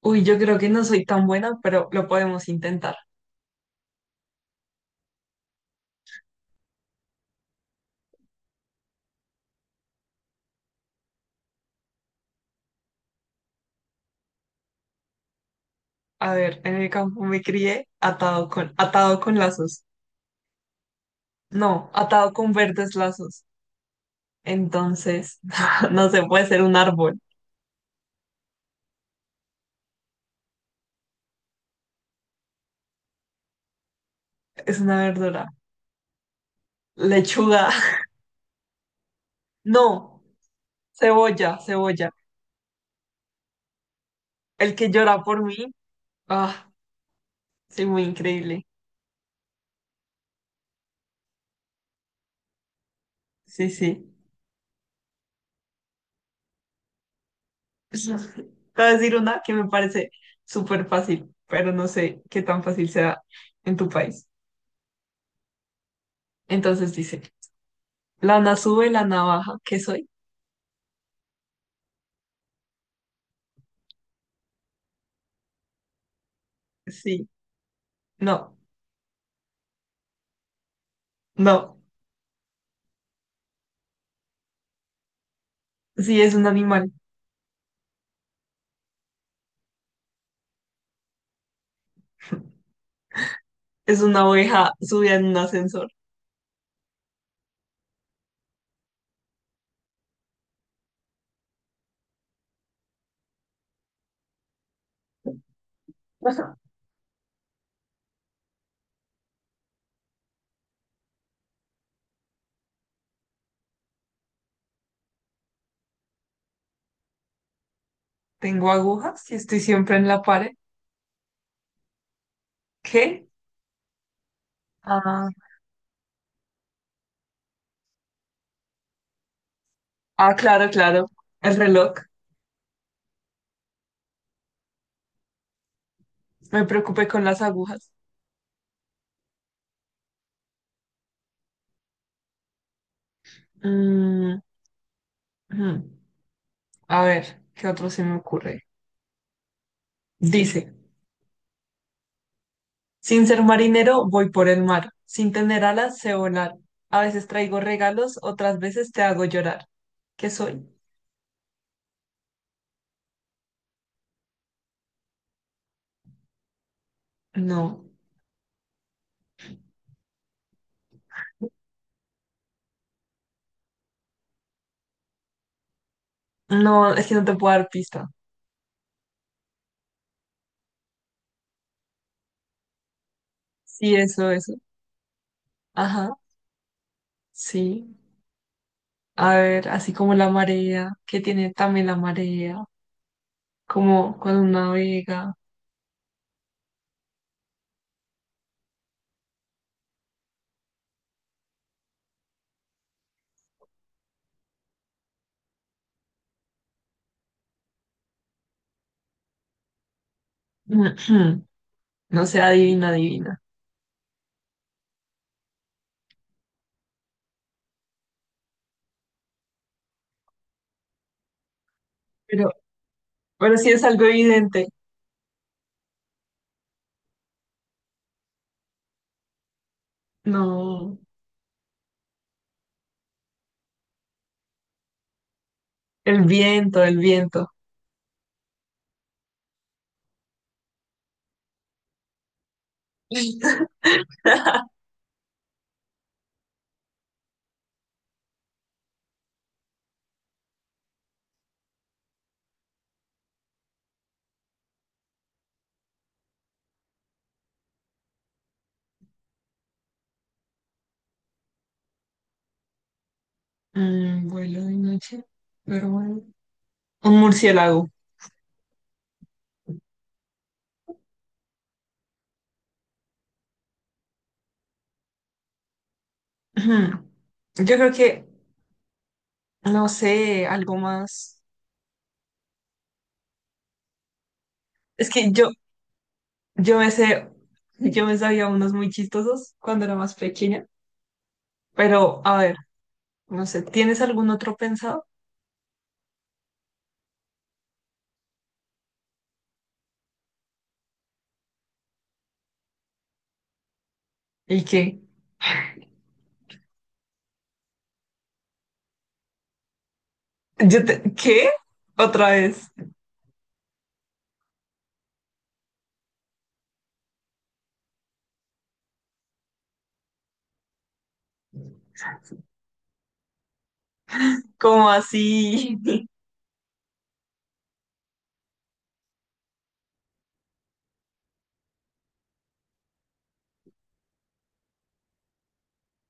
Uy, yo creo que no soy tan buena, pero lo podemos intentar. A ver, en el campo me crié atado con lazos. No, atado con verdes lazos. Entonces, no se puede ser un árbol. Es una verdura. Lechuga. No, cebolla. El que llora por mí. Ah, soy muy increíble. Sí, sí. Te voy a decir una que me parece súper fácil, pero no sé qué tan fácil sea en tu país. Entonces dice. La Nasú de la navaja, ¿qué soy? Sí, no, no, sí es un animal, es una oveja subida en un ascensor. Ajá. Tengo agujas y estoy siempre en la pared. ¿Qué? Ah, ah, claro, claro, el reloj. Me preocupé con las agujas. Mm, mm. A ver, ¿qué otro se me ocurre? Dice, sin ser marinero voy por el mar, sin tener alas sé volar. A veces traigo regalos, otras veces te hago llorar. ¿Qué soy? No. No, es que no te puedo dar pista. Sí, eso, eso. Ajá, sí. A ver, así como la marea, que tiene también la marea, como cuando navega. No sé, adivina, adivina. Pero, pero sí es algo evidente. No, el viento, el viento. Mm, vuelo de noche, pero bueno. Un murciélago. Ujú. Yo creo que, no sé, algo más. Es que yo me sé, yo me sabía unos muy chistosos cuando era más pequeña, pero a ver, no sé, ¿tienes algún otro pensado? ¿Y qué? Yo te- ¿qué? Otra vez, como así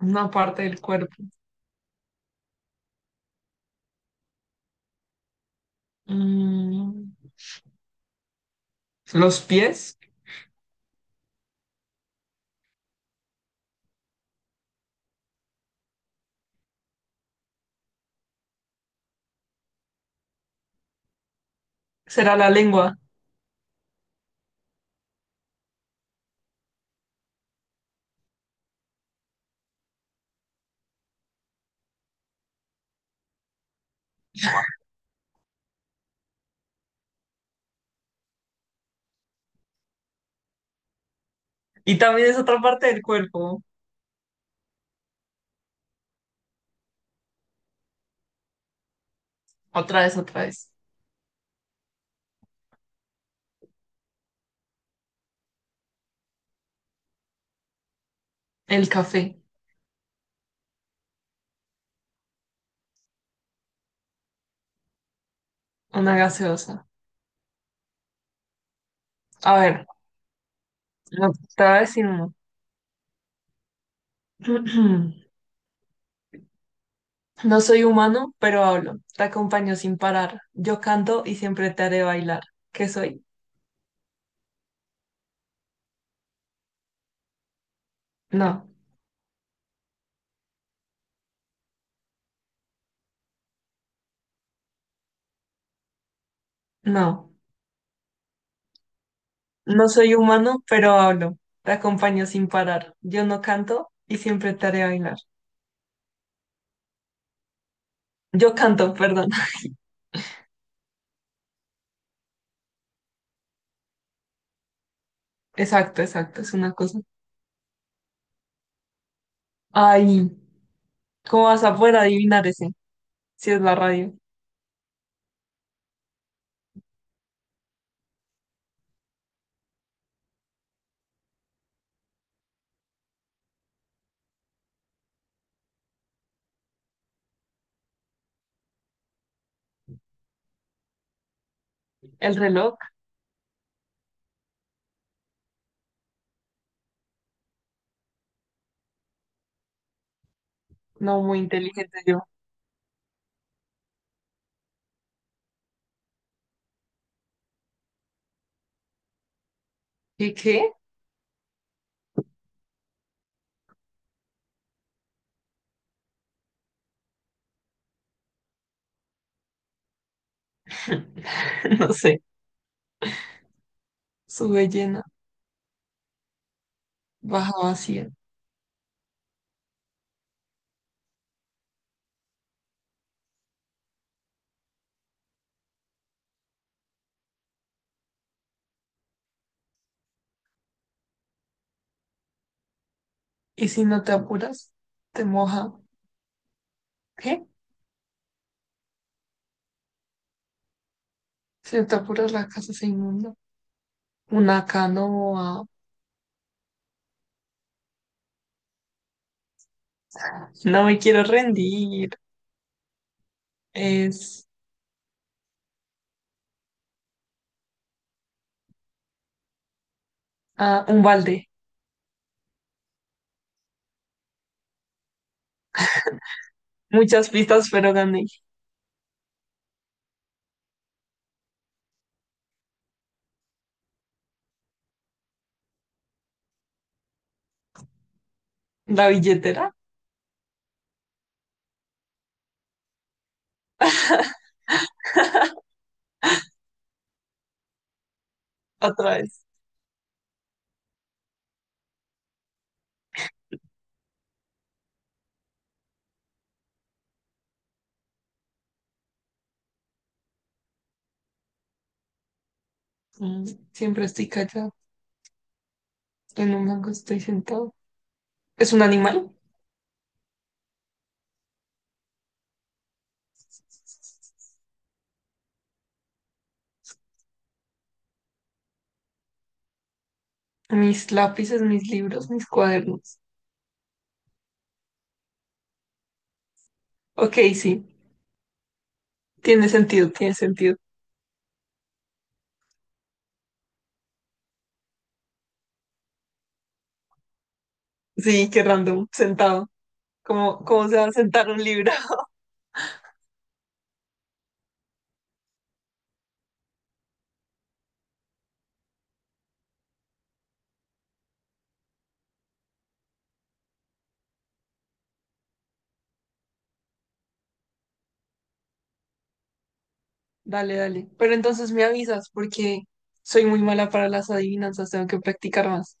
una parte del cuerpo. Mm, ¿los pies? Será la lengua. Y también es otra parte del cuerpo. Otra vez, otra vez. El café, una gaseosa. A ver, no, te voy a decir uno. No soy humano, pero hablo. Te acompaño sin parar. Yo canto y siempre te haré bailar. ¿Qué soy? No, no. No soy humano, pero hablo. Te acompaño sin parar. Yo no canto y siempre te haré bailar. Yo canto, perdón. Exacto, exacto, es una cosa. Ay, ¿cómo vas a poder adivinar ese? Si es la radio. El reloj, no muy inteligente yo. ¿Y qué? No sé. Sube llena, baja vacía. Y si no te apuras, te moja. ¿Qué? Si te apuras, la casa se inunda. Una canoa. No me quiero rendir. Es un balde. Muchas pistas, pero gané. La billetera, otra vez. Mm, siempre estoy callado. En un banco estoy sentado. ¿Es un animal? Mis lápices, mis libros, mis cuadernos. Ok, sí. Tiene sentido, tiene sentido. Sí, qué random. Sentado. ¿Cómo se va a sentar un libro? Dale, dale. Pero entonces me avisas porque soy muy mala para las adivinanzas, tengo que practicar más.